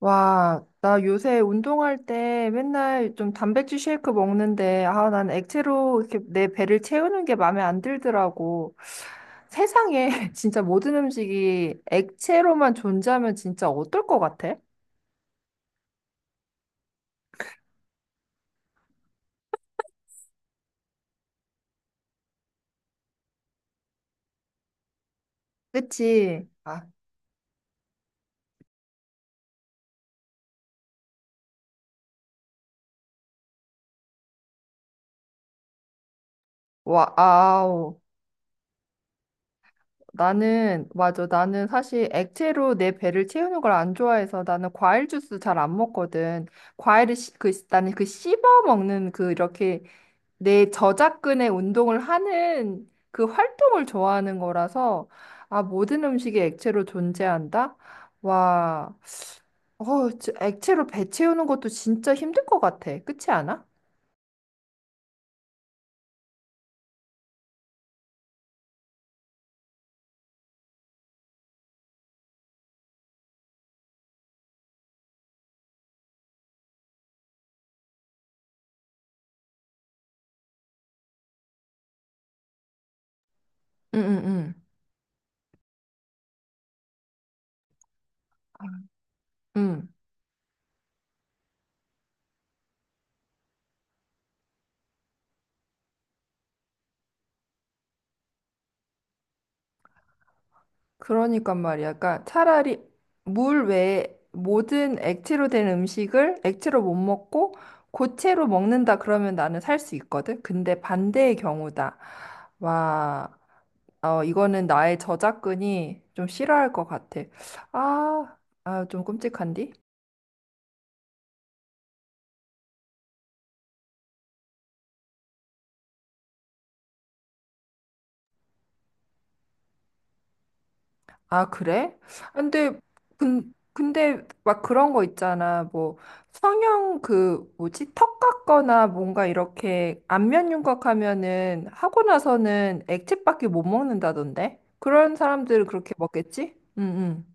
와, 나 요새 운동할 때 맨날 좀 단백질 쉐이크 먹는데, 아, 난 액체로 이렇게 내 배를 채우는 게 마음에 안 들더라고. 세상에 진짜 모든 음식이 액체로만 존재하면 진짜 어떨 것 같아? 그치? 아, 와, 아우. 나는, 맞아. 나는 사실 액체로 내 배를 채우는 걸 안 좋아해서 나는 과일 주스 잘 안 먹거든. 그, 나는 그 씹어 먹는 그 이렇게 내 저작근의 운동을 하는 그 활동을 좋아하는 거라서, 아, 모든 음식이 액체로 존재한다? 와, 저 액체로 배 채우는 것도 진짜 힘들 것 같아. 그렇지 않아? 응응응. 음, 그러니까 말이야. 그러니까 차라리 물 외에 모든 액체로 된 음식을 액체로 못 먹고 고체로 먹는다 그러면 나는 살 수 있거든. 근데 반대의 경우다. 와. 이거는 나의 저작근이 좀 싫어할 것 같아. 아, 아, 좀 끔찍한디? 아, 그래? 근데, 근데 막 그런 거 있잖아. 뭐, 성형 그, 뭐지? 턱 깎거나 뭔가 이렇게 안면 윤곽하면은 하고 나서는 액체밖에 못 먹는다던데? 그런 사람들은 그렇게 먹겠지? 응, 응.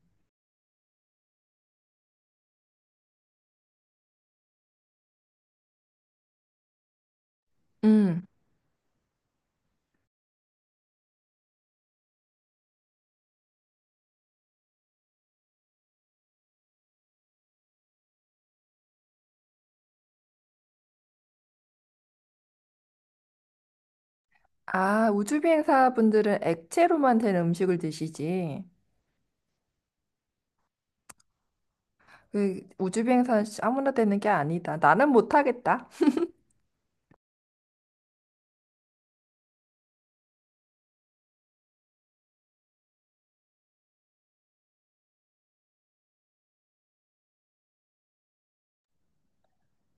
응. 아, 우주비행사 분들은 액체로만 된 음식을 드시지. 그 우주 비행사는 진짜 아무나 되는 게 아니다. 나는 못하겠다.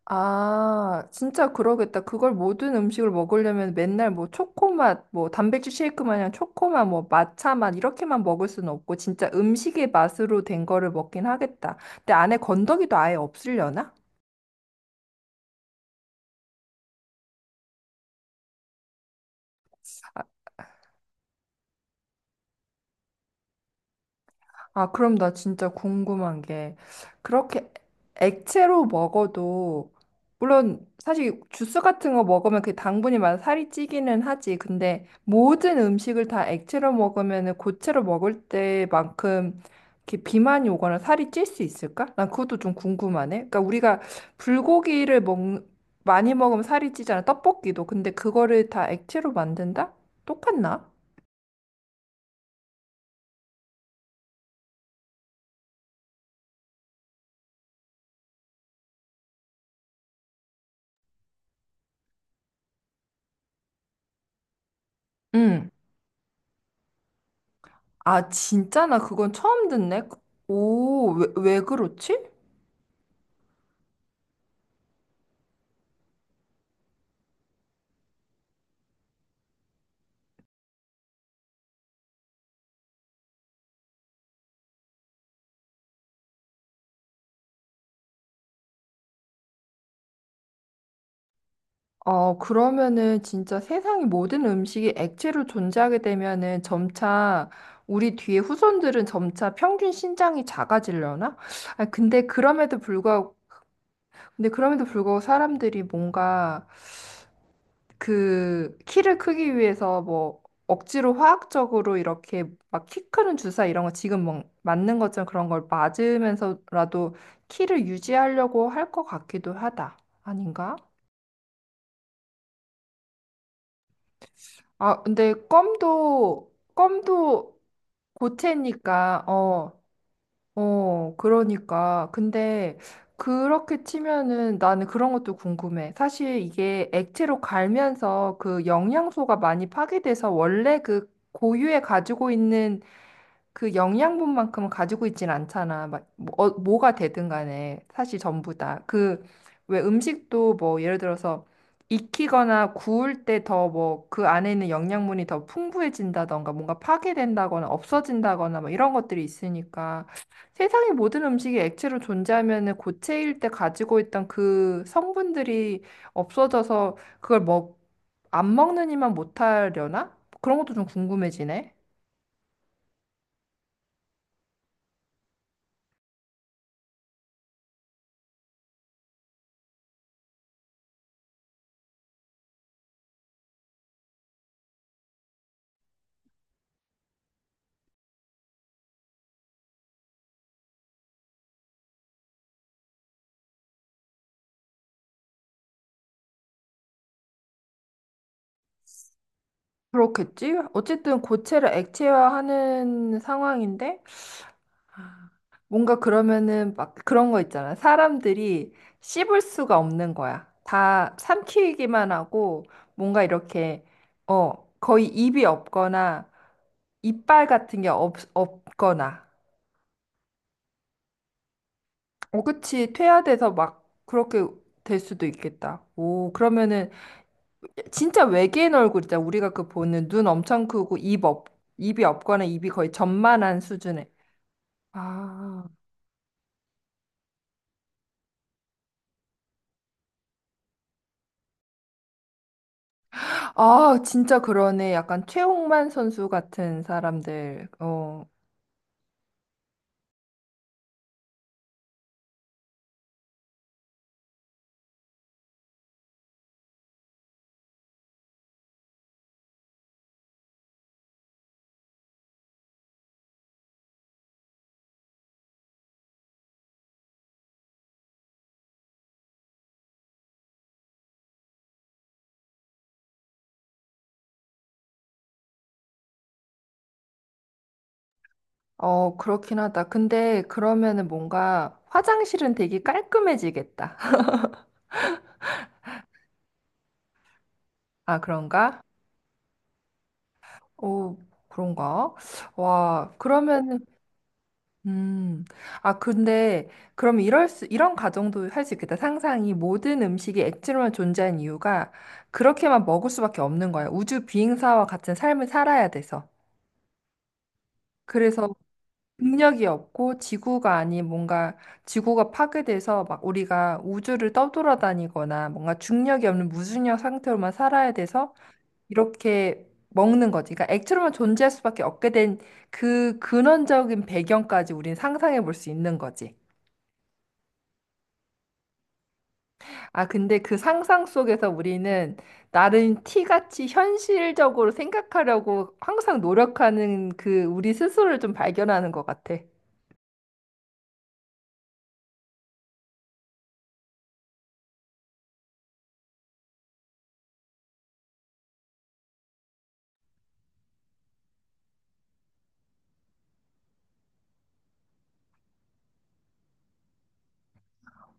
아, 진짜 그러겠다. 그걸 모든 음식을 먹으려면 맨날 뭐 초코맛, 뭐 단백질 쉐이크 마냥 초코맛, 뭐 matcha 맛 이렇게만 먹을 수는 없고 진짜 음식의 맛으로 된 거를 먹긴 하겠다. 근데 안에 건더기도 아예 없으려나? 아, 그럼 나 진짜 궁금한 게, 그렇게 액체로 먹어도, 물론 사실 주스 같은 거 먹으면 그 당분이 많아 살이 찌기는 하지. 근데 모든 음식을 다 액체로 먹으면 고체로 먹을 때만큼 이렇게 비만이 오거나 살이 찔 수 있을까? 난 그것도 좀 궁금하네. 그러니까 우리가 불고기를 먹, 많이 먹으면 살이 찌잖아. 떡볶이도. 근데 그거를 다 액체로 만든다? 똑같나? 응. 아, 진짜? 나 그건 처음 듣네. 오, 왜, 왜 그렇지? 어, 그러면은 진짜 세상의 모든 음식이 액체로 존재하게 되면은 점차 우리 뒤에 후손들은 점차 평균 신장이 작아지려나? 아, 근데 그럼에도 불구하고, 근데 그럼에도 불구하고 사람들이 뭔가 그 키를 크기 위해서 뭐 억지로 화학적으로 이렇게 막 키 크는 주사 이런 거 지금 막 맞는 것처럼 그런 걸 맞으면서라도 키를 유지하려고 할 것 같기도 하다. 아닌가? 아, 근데 껌도 고체니까 어 어, 그러니까. 근데 그렇게 치면은 나는 그런 것도 궁금해. 사실 이게 액체로 갈면서 그 영양소가 많이 파괴돼서 원래 그 고유에 가지고 있는 그 영양분만큼은 가지고 있진 않잖아. 막, 뭐, 뭐가 되든 간에, 사실 전부 다. 그, 왜 음식도 뭐, 예를 들어서 익히거나 구울 때 더 뭐, 그 안에 있는 영양분이 더 풍부해진다던가, 뭔가 파괴된다거나, 없어진다거나, 뭐, 이런 것들이 있으니까. 세상의 모든 음식이 액체로 존재하면은 고체일 때 가지고 있던 그 성분들이 없어져서 안 먹느니만 못하려나? 그런 것도 좀 궁금해지네. 그렇겠지? 어쨌든 고체를 액체화하는 상황인데, 아, 뭔가 그러면은 막 그런 거 있잖아. 사람들이 씹을 수가 없는 거야. 다 삼키기만 하고, 뭔가 이렇게, 어, 거의 입이 없거나, 이빨 같은 게 없, 없거나. 어, 그치. 퇴화돼서 막 그렇게 될 수도 있겠다. 오, 그러면은 진짜 외계인 얼굴이다. 우리가 그 보는 눈 엄청 크고, 입이 없거나 입이 거의 전만한 수준의. 아, 아, 진짜 그러네. 약간 최홍만 선수 같은 사람들. 어, 어, 그렇긴 하다. 근데 그러면은 뭔가 화장실은 되게 깔끔해지겠다. 아, 그런가? 오, 그런가? 와, 그러면은, 음, 아, 근데 이런 가정도 할 수 있겠다. 상상이 모든 음식이 액체로만 존재한 이유가 그렇게만 먹을 수밖에 없는 거야. 우주 비행사와 같은 삶을 살아야 돼서. 그래서 능력이 없고 지구가 아닌 뭔가 지구가 파괴돼서 막 우리가 우주를 떠돌아다니거나 뭔가 중력이 없는 무중력 상태로만 살아야 돼서 이렇게 먹는 거지. 그러니까 액체로만 존재할 수밖에 없게 된 그 근원적인 배경까지 우린 상상해 볼 수 있는 거지. 아, 근데 그 상상 속에서 우리는 나름 티같이 현실적으로 생각하려고 항상 노력하는 그 우리 스스로를 좀 발견하는 것 같아.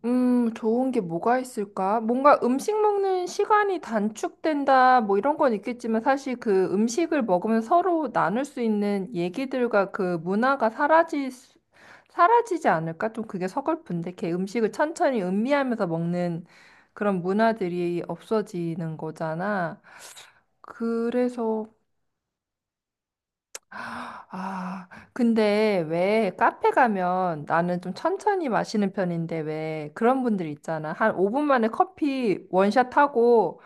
좋은 게 뭐가 있을까? 뭔가 음식 먹는 시간이 단축된다, 뭐 이런 건 있겠지만 사실 그 음식을 먹으면 서로 나눌 수 있는 얘기들과 그 문화가 사라지지 않을까? 좀 그게 서글픈데, 걔 음식을 천천히 음미하면서 먹는 그런 문화들이 없어지는 거잖아. 그래서 아, 근데 왜 카페 가면 나는 좀 천천히 마시는 편인데 왜 그런 분들 있잖아. 한 5분 만에 커피 원샷 하고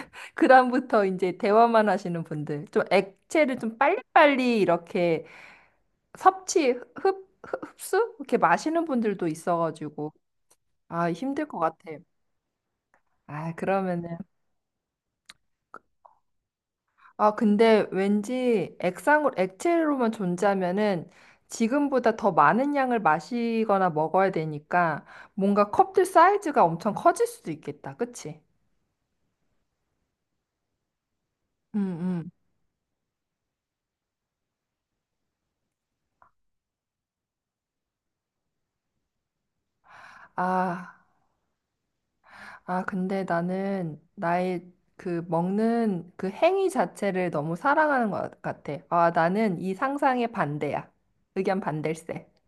그다음부터 이제 대화만 하시는 분들. 좀 액체를 좀 빨리빨리 이렇게 흡수? 이렇게 마시는 분들도 있어가지고. 아, 힘들 것 같아. 아, 그러면은 아, 근데 왠지 액상으로, 액체로만 존재하면은 지금보다 더 많은 양을 마시거나 먹어야 되니까 뭔가 컵들 사이즈가 엄청 커질 수도 있겠다. 그치? 응, 응. 아, 아, 근데 나는 나의 그 먹는 그 행위 자체를 너무 사랑하는 것 같아. 아, 나는 이 상상의 반대야. 의견 반댈세.